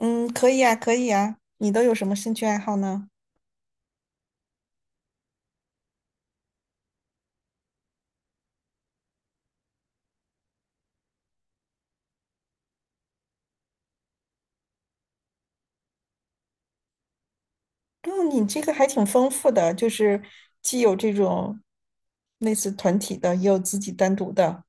嗯，可以啊，可以啊。你都有什么兴趣爱好呢？嗯，你这个还挺丰富的，就是既有这种类似团体的，也有自己单独的。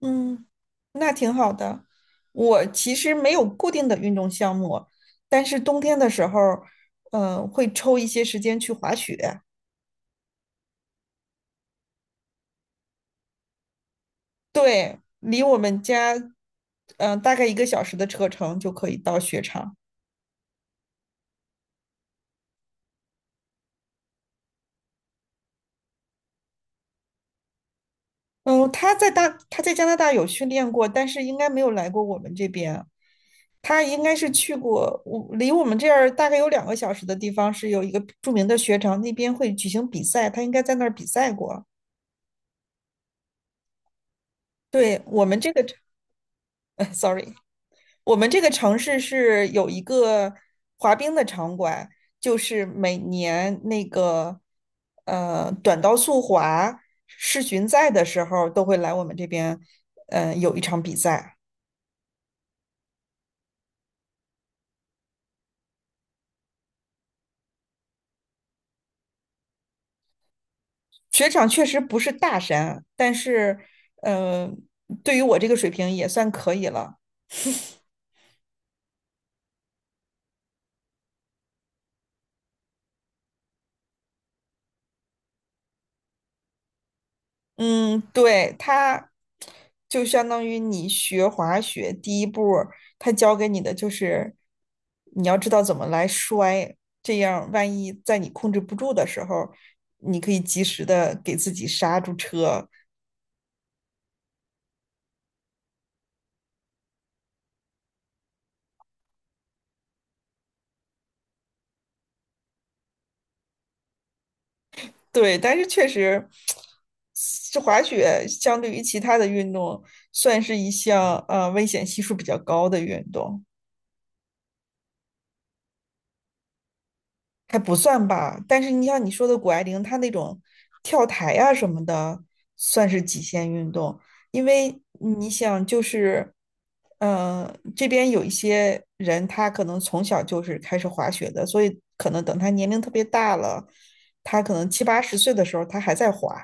嗯，那挺好的。我其实没有固定的运动项目，但是冬天的时候，会抽一些时间去滑雪。对，离我们家，大概1个小时的车程就可以到雪场。嗯，他在加拿大有训练过，但是应该没有来过我们这边。他应该是去过，我离我们这儿大概有2个小时的地方是有一个著名的雪场，那边会举行比赛，他应该在那儿比赛过。对，我们这个 sorry 我们这个城市是有一个滑冰的场馆，就是每年那个短道速滑世巡赛的时候都会来我们这边，有一场比赛。雪场确实不是大山，但是呃，对于我这个水平也算可以了。嗯，对，它就相当于你学滑雪第一步儿，它教给你的就是你要知道怎么来摔，这样万一在你控制不住的时候，你可以及时的给自己刹住车。对，但是确实，这滑雪相对于其他的运动，算是一项危险系数比较高的运动。还不算吧，但是你像你说的谷爱凌，她那种跳台啊什么的，算是极限运动，因为你想，就是，嗯，这边有一些人，他可能从小就是开始滑雪的，所以可能等他年龄特别大了，他可能七八十岁的时候，他还在滑，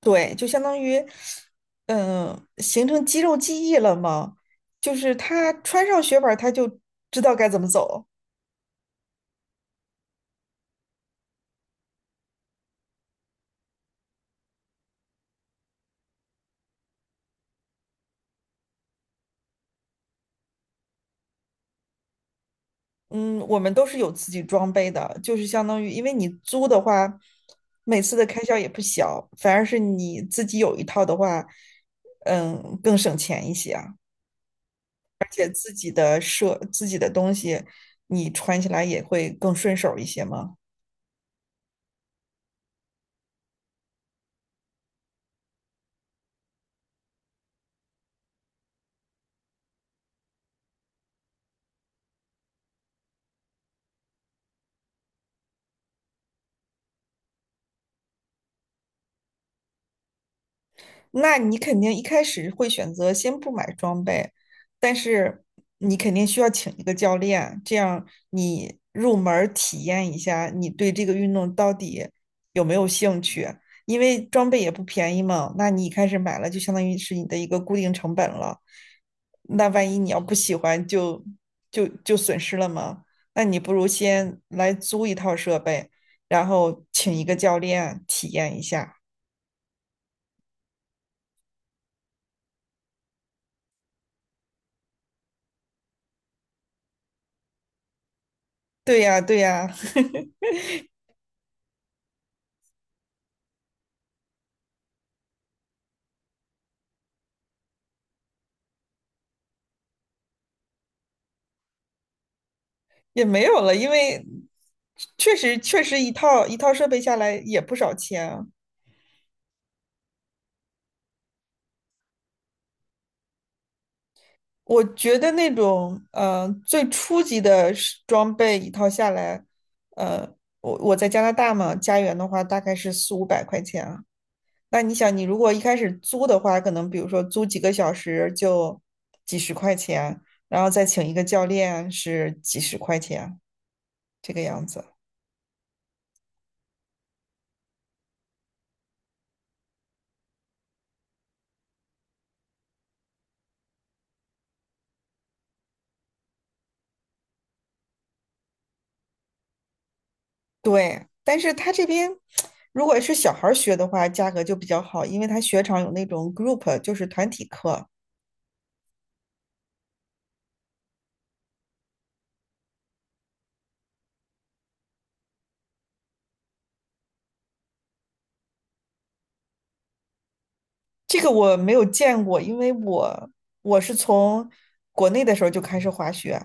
对，就相当于，形成肌肉记忆了嘛，就是他穿上雪板儿，他就知道该怎么走。嗯，我们都是有自己装备的，就是相当于，因为你租的话，每次的开销也不小，反而是你自己有一套的话，嗯，更省钱一些啊，而且自己的东西，你穿起来也会更顺手一些嘛。那你肯定一开始会选择先不买装备，但是你肯定需要请一个教练，这样你入门儿体验一下，你对这个运动到底有没有兴趣？因为装备也不便宜嘛，那你一开始买了就相当于是你的一个固定成本了。那万一你要不喜欢就损失了嘛？那你不如先来租一套设备，然后请一个教练体验一下。对呀，对呀。也没有了，因为确实一套一套设备下来也不少钱啊。我觉得那种最初级的是装备一套下来，呃，我在加拿大嘛，加元的话大概是四五百块钱啊。那你想，你如果一开始租的话，可能比如说租几个小时就几十块钱，然后再请一个教练是几十块钱，这个样子。对，但是他这边如果是小孩儿学的话，价格就比较好，因为他雪场有那种 group，就是团体课。这个我没有见过，因为我是从国内的时候就开始滑雪，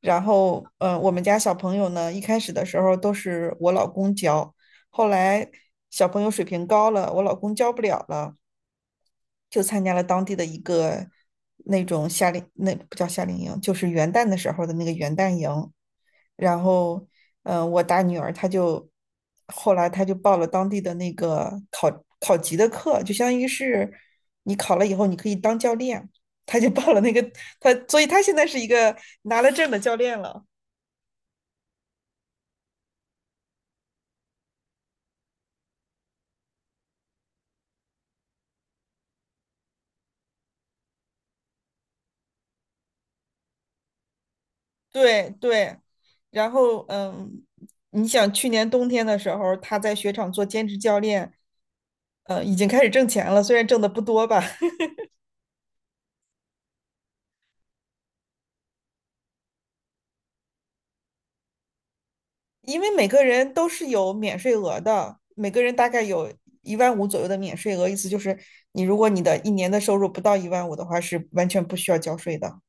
然后我们家小朋友呢，一开始的时候都是我老公教，后来小朋友水平高了，我老公教不了了，就参加了当地的一个那不叫夏令营，就是元旦的时候的那个元旦营。然后，我大女儿后来她就报了当地的那个考级的课，就相当于是你考了以后你可以当教练，她就报了那个，所以她现在是一个拿了证的教练了。对对，然后你想去年冬天的时候，他在雪场做兼职教练，已经开始挣钱了，虽然挣的不多吧，因为每个人都是有免税额的，每个人大概有一万五左右的免税额，意思就是你如果你的一年的收入不到一万五的话，是完全不需要交税的。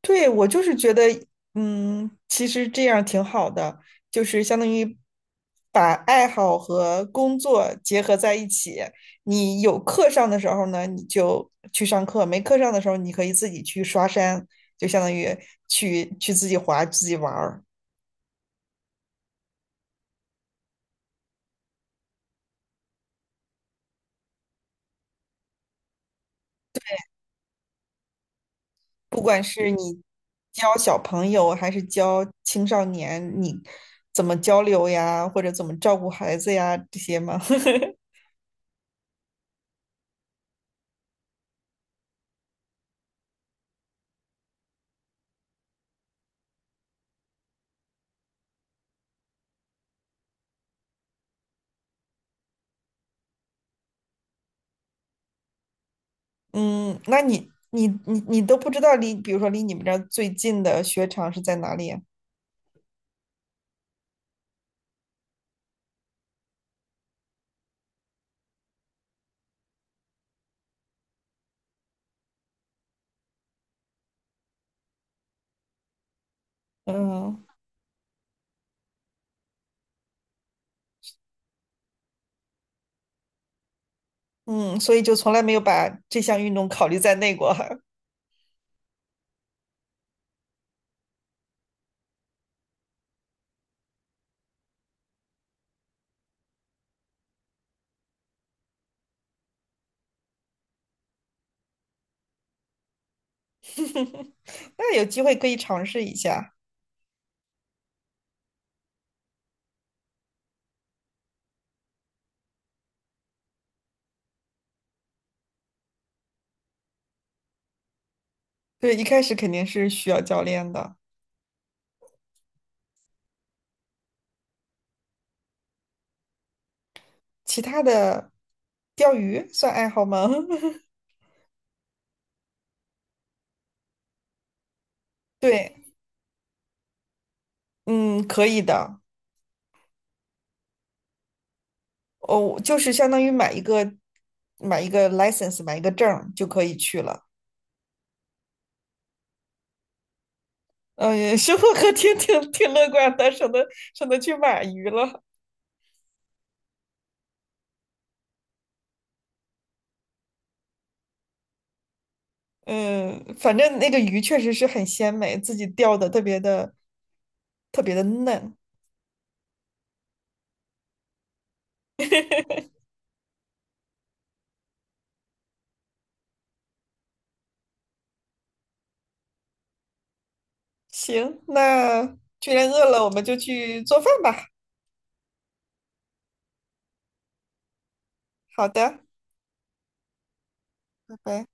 对，我就是觉得，嗯，其实这样挺好的，就是相当于把爱好和工作结合在一起。你有课上的时候呢，你就去上课；没课上的时候，你可以自己去刷山，就相当于去自己滑、自己玩儿。不管是你教小朋友还是教青少年，你怎么交流呀，或者怎么照顾孩子呀，这些嘛。嗯，那你都不知道比如说离你们这儿最近的雪场是在哪里啊？嗯嗯，所以就从来没有把这项运动考虑在内过。那有机会可以尝试一下。对，一开始肯定是需要教练的。其他的，钓鱼算爱好吗？对，嗯，可以的。哦，就是相当于买一个 license，买一个证儿就可以去了。嗯，也是我还挺乐观的，省得去买鱼了。嗯，反正那个鱼确实是很鲜美，自己钓的特别的特别的嫩。行，那既然饿了，我们就去做饭吧。好的，拜拜。